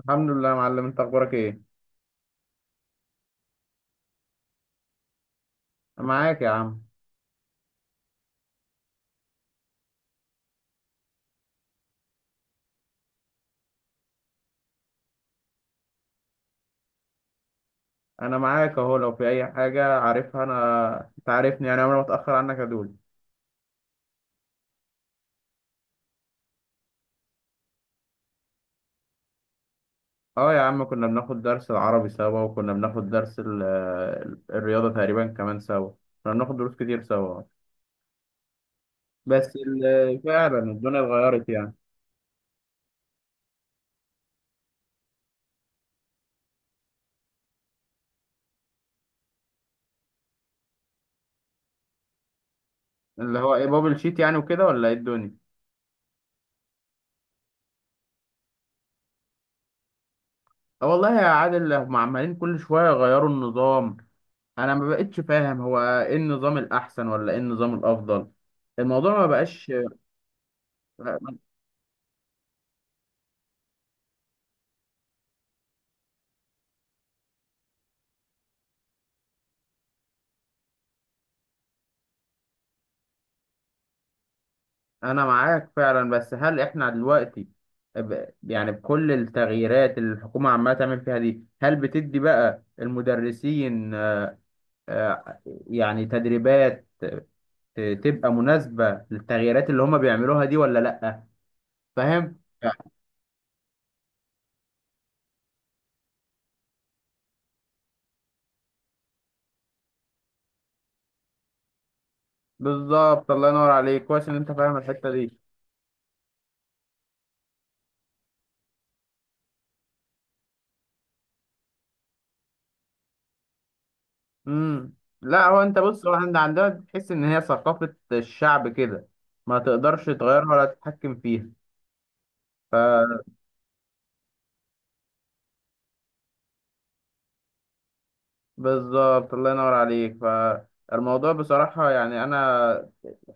الحمد لله يا معلم، انت اخبارك ايه؟ أنا معاك يا عم. انا معاك اهو، لو في اي حاجه عارفها، انا انت عارفني يعني عمري ما اتاخر عنك يا دول. اه يا عم، كنا بناخد درس العربي سوا، وكنا بناخد درس الرياضه تقريبا كمان سوا. كنا بناخد دروس كتير سوا. بس فعلا الدنيا اتغيرت يعني. اللي هو ايه، بابل شيت يعني وكده ولا ايه الدنيا؟ اه والله يا عادل، هم عمالين كل شويه يغيروا النظام. انا ما بقتش فاهم هو ايه النظام الاحسن ولا ايه النظام الافضل. الموضوع ما بقاش. انا معاك فعلا، بس هل احنا دلوقتي، يعني بكل التغييرات اللي الحكومة عمالة تعمل فيها دي، هل بتدي بقى المدرسين آه، يعني تدريبات تبقى مناسبة للتغييرات اللي هما بيعملوها دي ولا لأ؟ فاهم؟ بالظبط، الله ينور عليك، كويس ان انت فاهم الحتة دي. امم. لا، هو انت بص، هو عندنا تحس ان هي ثقافة الشعب كده. ما تقدرش تغيرها ولا تتحكم فيها. بالظبط، الله ينور عليك. فالموضوع بصراحة، يعني أنا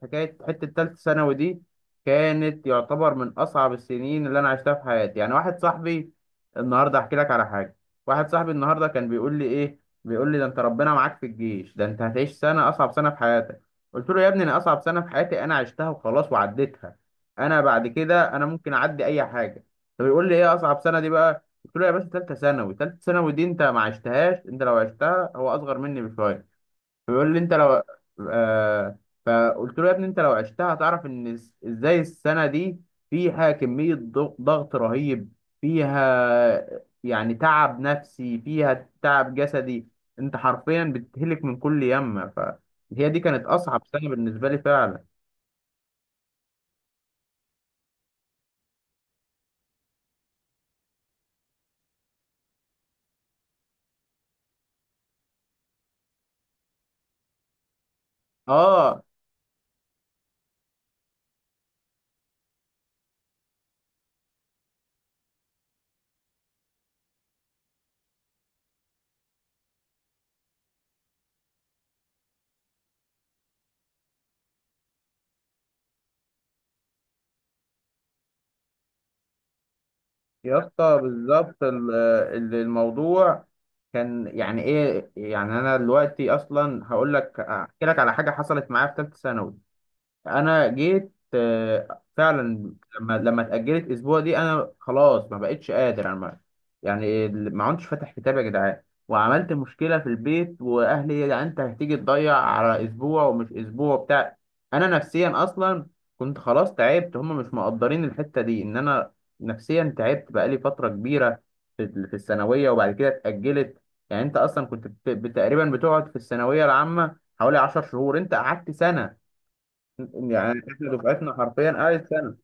حكاية حتة تالتة ثانوي دي كانت يعتبر من أصعب السنين اللي أنا عشتها في حياتي. يعني واحد صاحبي النهاردة أحكي لك على حاجة. واحد صاحبي النهاردة كان بيقول لي إيه، بيقول لي ده أنت ربنا معاك في الجيش، ده أنت هتعيش سنة أصعب سنة في حياتك. قلت له يا ابني، أنا أصعب سنة في حياتي أنا عشتها وخلاص وعديتها. أنا بعد كده أنا ممكن أعدي أي حاجة. طب يقول لي إيه أصعب سنة دي بقى. قلت له يا باشا، تالتة ثانوي، تالتة ثانوي دي أنت ما عشتهاش، أنت لو عشتها، هو أصغر مني بشوية. بيقول لي انت لو. آه. فقلت له يا ابني، انت لو عشتها هتعرف ان ازاي السنه دي فيها كميه ضغط رهيب، فيها يعني تعب نفسي، فيها تعب جسدي. انت حرفيا بتهلك من كل يمه، فهي دي كانت اصعب سنه بالنسبه لي فعلا. اه يا اسطى، بالظبط الموضوع كان يعني ايه. يعني انا دلوقتي اصلا هقول لك، احكي لك على حاجه حصلت معايا في ثالثه ثانوي. انا جيت فعلا، لما اتاجلت اسبوع دي، انا خلاص ما بقتش قادر، انا ما- يعني ما عدتش فاتح كتاب يا جدعان. وعملت مشكله في البيت واهلي يا جدعان، انت هتيجي تضيع على اسبوع ومش اسبوع بتاع. انا نفسيا اصلا كنت خلاص تعبت، هم مش مقدرين الحته دي ان انا نفسيا تعبت بقالي فتره كبيره في في الثانويه، وبعد كده اتاجلت. يعني انت اصلا كنت تقريبا بتقعد في الثانويه العامه حوالي 10 شهور، انت قعدت سنه. يعني احنا دفعتنا حرفيا قعدت سنه.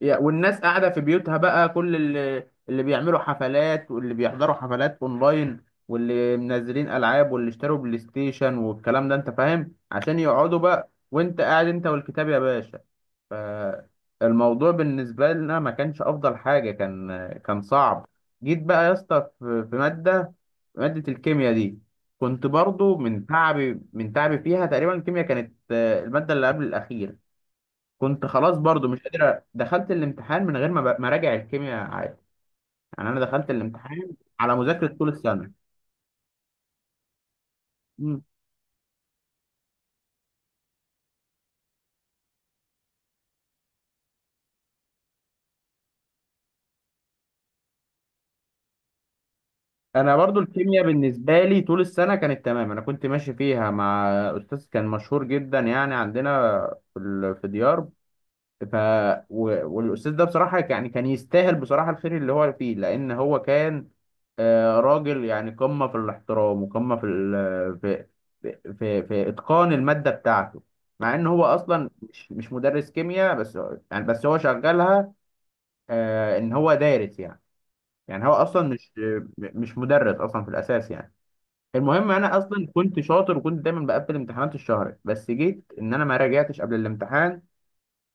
والناس قاعده في بيوتها بقى، كل اللي بيعملوا حفلات، واللي بيحضروا حفلات اونلاين، واللي منزلين العاب، واللي اشتروا بلاي ستيشن والكلام ده انت فاهم، عشان يقعدوا بقى، وانت قاعد انت والكتاب يا باشا. فالموضوع بالنسبه لنا ما كانش افضل حاجه، كان صعب. جيت بقى يا اسطى في ماده، الكيمياء دي كنت برضو من تعبي فيها تقريبا. الكيمياء كانت الماده اللي قبل الاخير. كنت خلاص برضو مش قادر دخلت الامتحان من غير ما اراجع الكيمياء عادي. يعني انا دخلت الامتحان على مذاكره طول السنه. مم. انا برضو الكيمياء بالنسبه لي طول السنه كانت تمام، انا كنت ماشي فيها مع استاذ كان مشهور جدا يعني عندنا في في ديار. ف والاستاذ ده بصراحه يعني كان يستاهل بصراحه الخير اللي هو فيه، لان هو كان راجل يعني قمه في الاحترام، وقمه في اتقان الماده بتاعته. مع ان هو اصلا مش مدرس كيمياء، بس يعني بس هو شغلها، ان هو دارس يعني. يعني هو اصلا مش مدرس اصلا في الاساس يعني. المهم انا اصلا كنت شاطر وكنت دايما بقفل امتحانات الشهر، بس جيت ان انا ما راجعتش قبل الامتحان.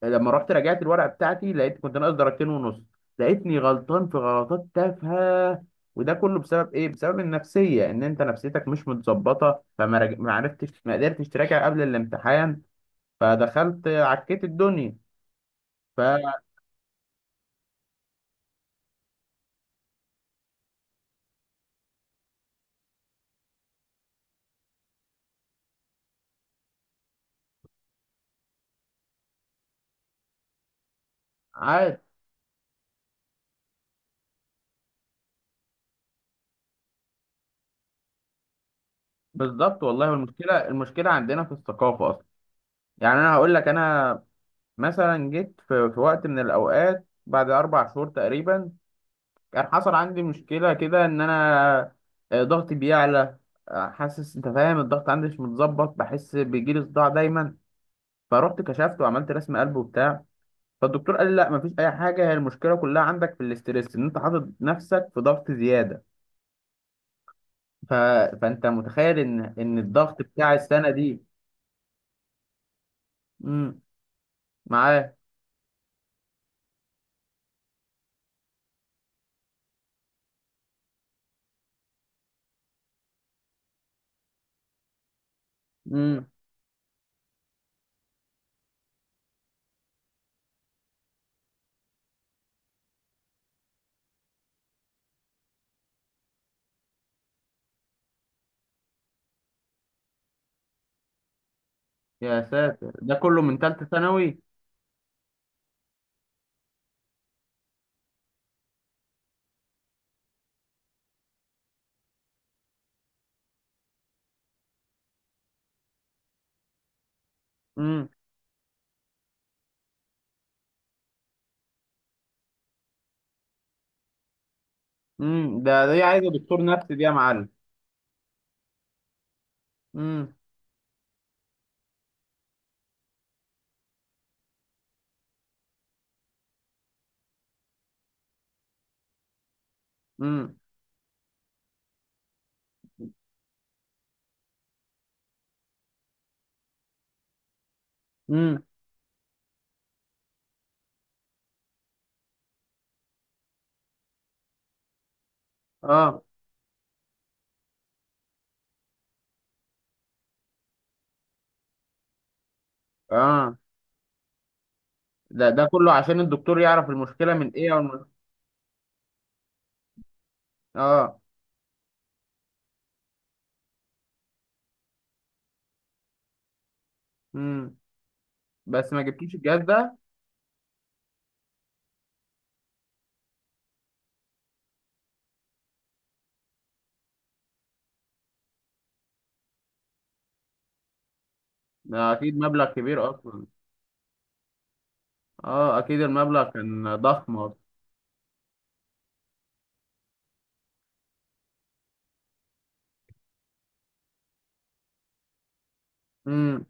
لما رحت راجعت الورقه بتاعتي، لقيت كنت ناقص درجتين ونص. لقيتني غلطان في غلطات تافهه. وده كله بسبب ايه؟ بسبب النفسيه، ان انت نفسيتك مش متظبطه، ما عرفتش ما قدرتش تراجع قبل الامتحان. فدخلت عكيت الدنيا. فعاد. بالظبط والله. والمشكله عندنا في الثقافه اصلا. يعني انا هقول لك، انا مثلا جيت في, وقت من الاوقات بعد اربع شهور تقريبا، كان حصل عندي مشكلة كده إن أنا ضغطي بيعلى، حاسس أنت فاهم، الضغط عندي مش متظبط، بحس بيجيلي صداع دايما. فرحت كشفت وعملت رسم قلب وبتاع. فالدكتور قال لي لا مفيش أي حاجة، هي المشكلة كلها عندك في الاسترس، إن أنت حاطط نفسك في ضغط زيادة. ف... فأنت متخيل إن الضغط بتاع السنة دي. امم. معاه. امم. يا ساتر، ده كله من تالتة ثانوي؟ امم. ده دي عايزة دكتور نفسي دي يا معلم. امم. امم. امم. اه. اه ده كله عشان الدكتور يعرف المشكله من ايه، اه. امم. بس ما جبتوش الجهاز ده؟ ده اكيد مبلغ كبير اصلا. اه اكيد المبلغ كان ضخم اصلا. امم.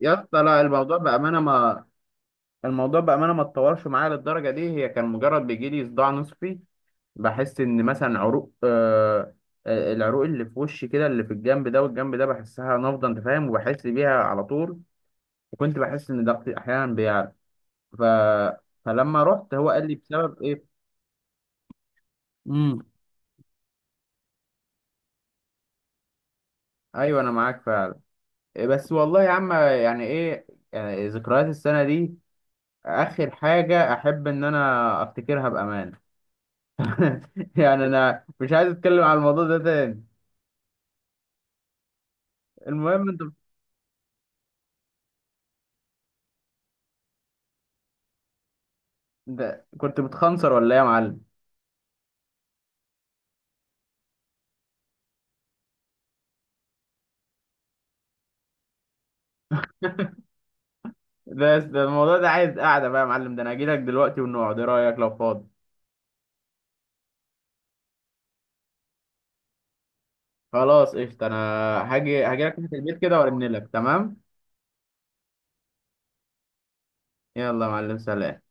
يا اسطى لا، الموضوع بامانه ما اتطورش معايا للدرجه دي، هي كان مجرد بيجي لي صداع نصفي. بحس ان مثلا عروق آه آه، العروق اللي في وشي كده، اللي في الجنب ده والجنب ده، بحسها نافضه انت فاهم، وبحس بيها على طول. وكنت بحس ان ضغطي احيانا بيعلى. ف... فلما رحت هو قال لي بسبب ايه. امم. ايوه انا معاك فعلا. إيه بس والله يا عم، يعني ايه. يعني ذكريات السنه دي اخر حاجه احب ان انا افتكرها بامان. يعني انا مش عايز اتكلم على الموضوع ده تاني. المهم انت. ده كنت بتخنصر ولا ايه يا معلم؟ ده الموضوع ده عايز قاعده بقى يا معلم، ده انا هجيلك دلوقتي ونقعد، ايه رايك لو فاضي؟ خلاص قشطه، انا هاجيلك تحت البيت كده، وارن لك تمام. يلا يا معلم، سلام.